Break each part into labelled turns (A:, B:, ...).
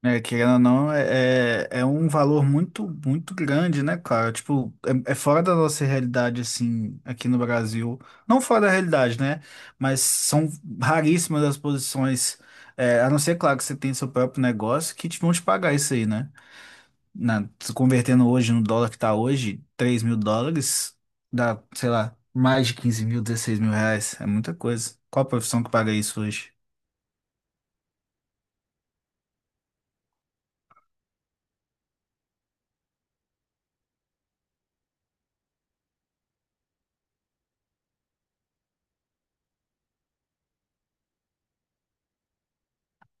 A: É, querendo ou não, é um valor muito, muito grande, né, cara? Tipo, é fora da nossa realidade, assim, aqui no Brasil. Não fora da realidade, né? Mas são raríssimas as posições, a não ser, claro, que você tem seu próprio negócio, que te vão te pagar isso aí, né? Se convertendo hoje no dólar que tá hoje, US$ 3.000, dá, sei lá, mais de 15 mil, 16 mil reais. É muita coisa. Qual a profissão que paga isso hoje?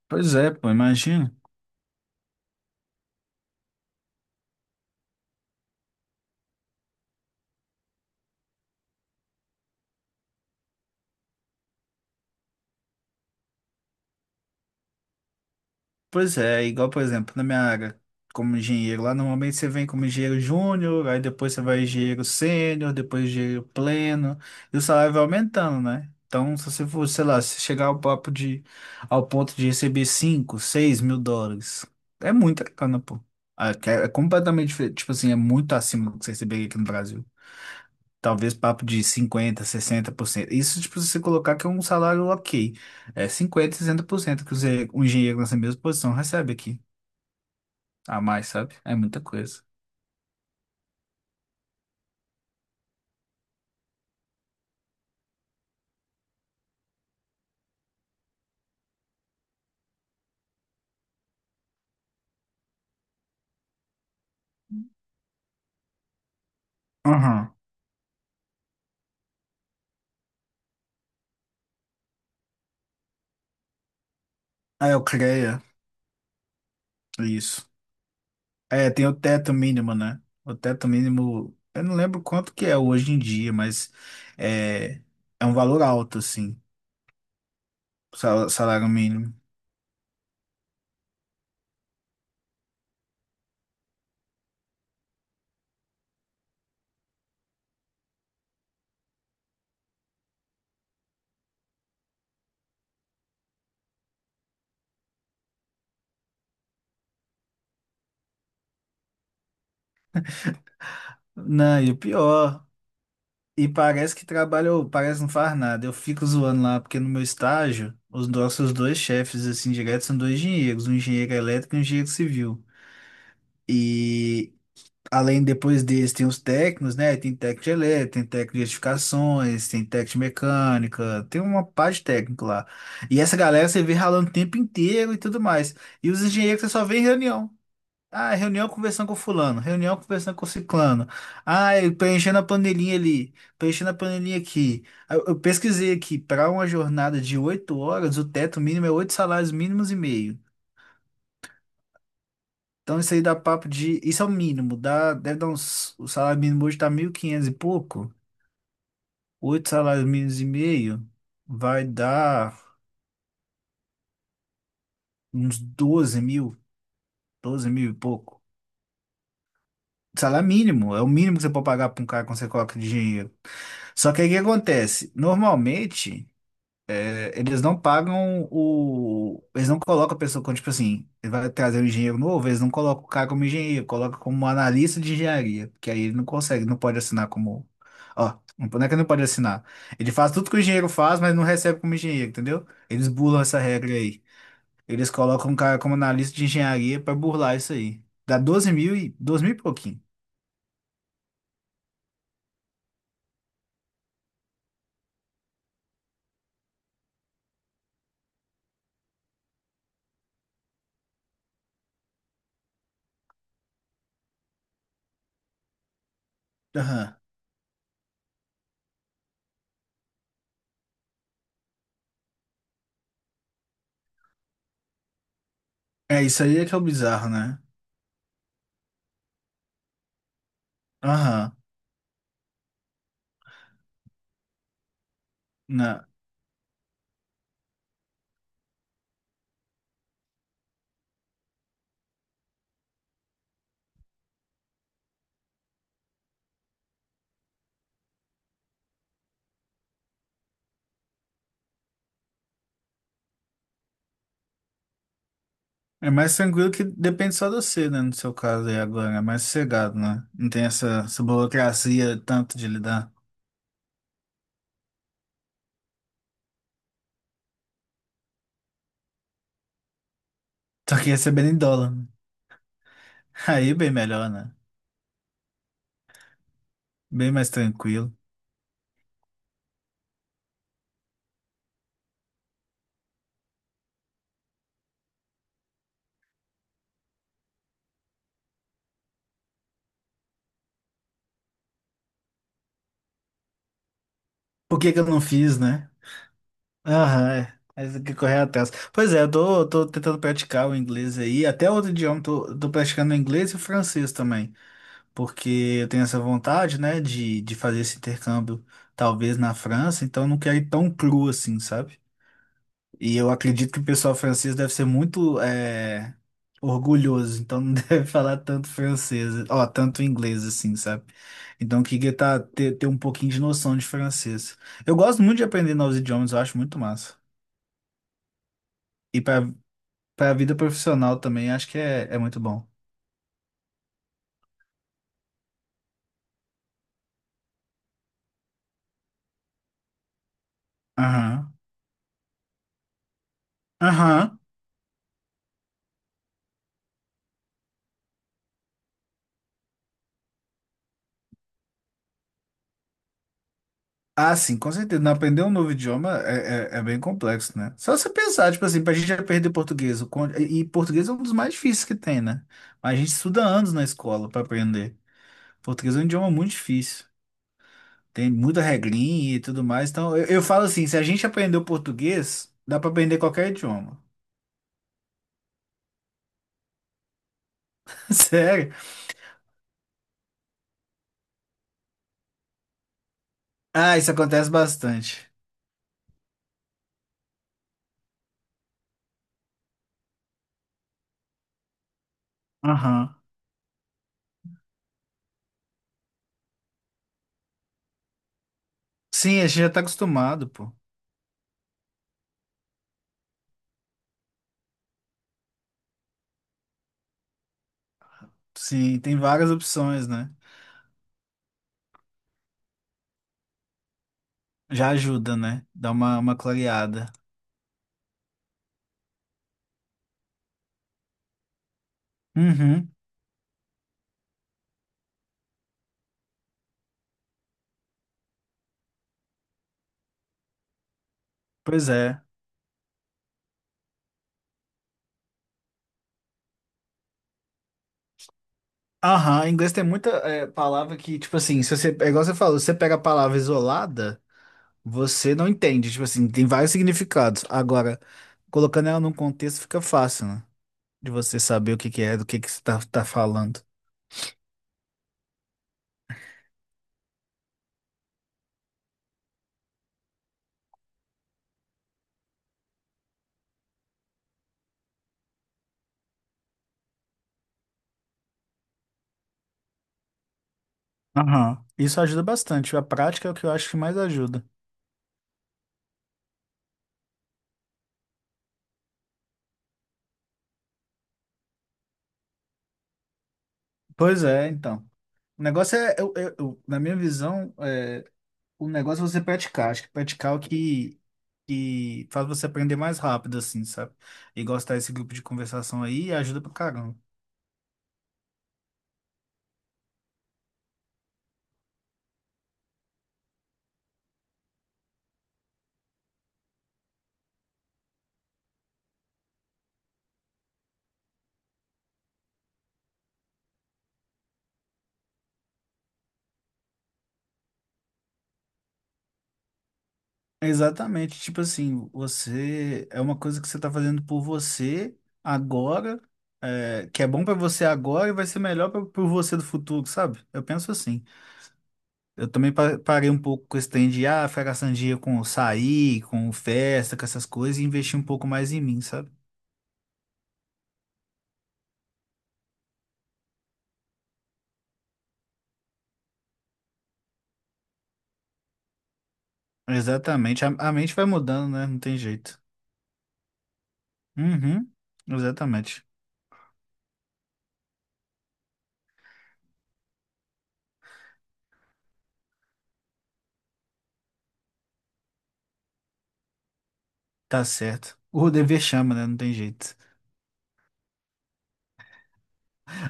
A: Pois é, pô, imagina. Pois é, igual, por exemplo, na minha área como engenheiro, lá normalmente você vem como engenheiro júnior, aí depois você vai engenheiro sênior, depois engenheiro pleno, e o salário vai aumentando, né? Então, se você for, sei lá, se chegar ao papo de, ao ponto de receber 5, 6 mil dólares, é muita grana, pô. Ah, que É é completamente diferente, tipo assim, é muito acima do que você receberia aqui no Brasil, talvez papo de 50, 60%. Isso, tipo, se você colocar que é um salário ok. É 50, 60% que um engenheiro nessa mesma posição recebe aqui. A mais, sabe? É muita coisa. Aham. Ah, é o CREA. Isso. É, tem o teto mínimo, né? O teto mínimo, eu não lembro quanto que é hoje em dia, mas é, é um valor alto, assim, o salário mínimo. Não, e o pior, e parece que trabalho, parece não faz nada. Eu fico zoando lá, porque no meu estágio, os nossos dois chefes, assim, direto, são dois engenheiros, um engenheiro elétrico e um engenheiro civil. E, além, depois deles, tem os técnicos, né? Tem técnico de elétrica, tem técnico de edificações, tem técnico de mecânica, tem uma parte de técnico lá. E essa galera você vê ralando o tempo inteiro e tudo mais. E os engenheiros você só vê em reunião. Ah, reunião conversando com fulano, reunião conversando com ciclano. Ah, eu preenchendo a panelinha ali, preenchendo a panelinha aqui. Ah, eu pesquisei aqui, para uma jornada de 8 horas, o teto mínimo é 8,5 salários mínimos. Então isso aí isso é o mínimo, dá, deve dar uns, o salário mínimo hoje tá 1.500 e quinhentos e pouco. 8,5 salários mínimos vai dar uns 12 mil, 12 mil e pouco. Salário mínimo, é o mínimo que você pode pagar para um cara quando você coloca de dinheiro. Só que aí o que acontece? Normalmente, eles não pagam o. Eles não colocam a pessoa como, tipo assim, ele vai trazer um engenheiro novo, eles não colocam o cara como engenheiro, colocam como analista de engenharia, porque aí ele não consegue, não pode assinar como. Ó, não é que ele não pode assinar. Ele faz tudo que o engenheiro faz, mas não recebe como engenheiro, entendeu? Eles burlam essa regra aí. Eles colocam um cara como analista de engenharia para burlar isso aí. Dá 12 mil e 12 mil e pouquinho. Aham. É, isso aí é que é o bizarro, né? Aham. Né? É mais tranquilo, que depende só de você, né? No seu caso aí agora. É mais sossegado, né? Não tem essa, essa burocracia tanto de lidar. Só que recebendo em dólar, né? Aí é bem melhor, né? Bem mais tranquilo. Por que que eu não fiz, né? Aham, é. Aí tem que correr atrás. Pois é, eu tô tentando praticar o inglês aí. Até outro idioma, tô praticando inglês e francês também, porque eu tenho essa vontade, né, de fazer esse intercâmbio, talvez na França, então eu não quero ir tão cru assim, sabe? E eu acredito que o pessoal francês deve ser muito orgulhoso, então não deve falar tanto francês, ó, tanto inglês assim, sabe? Então eu queria tá, ter um pouquinho de noção de francês. Eu gosto muito de aprender novos idiomas, eu acho muito massa. E para a vida profissional também, acho que é muito bom. Aham. Aham. Ah, sim, com certeza. Não, aprender um novo idioma é bem complexo, né? Só você pensar, tipo assim, pra gente aprender português. O quan- E e português é um dos mais difíceis que tem, né? Mas a gente estuda anos na escola pra aprender. Português é um idioma muito difícil. Tem muita regrinha e tudo mais. Então, eu falo assim, se a gente aprender o português, dá pra aprender qualquer idioma. Sério? Ah, isso acontece bastante. Aham. Sim, a gente já tá acostumado, pô. Sim, tem várias opções, né? Já ajuda, né? Dá uma clareada. Uhum. Pois é. Aham, em inglês tem muita é, palavra que, tipo assim, se você, é igual você falou, se você pega a palavra isolada, você não entende. Tipo assim, tem vários significados. Agora, colocando ela num contexto fica fácil, né? De você saber o que que é, do que você tá, tá falando. Aham. Isso ajuda bastante. A prática é o que eu acho que mais ajuda. Pois é, então. O negócio é, eu, na minha visão, o negócio é você praticar. Acho que praticar é o que faz você aprender mais rápido, assim, sabe? E gostar desse grupo de conversação aí ajuda pra caramba. Exatamente. Tipo assim, você é uma coisa que você tá fazendo por você agora, é, que é bom pra você agora e vai ser melhor pra, pro você do futuro, sabe? Eu penso assim. Eu também parei um pouco com esse trem de ah, ficar gastando dinheiro com sair, com festa, com essas coisas e investir um pouco mais em mim, sabe? Exatamente. A mente vai mudando, né? Não tem jeito. Uhum, exatamente. Tá certo. O dever chama, né? Não tem jeito.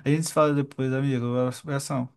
A: A gente se fala depois, amigo. Um abração.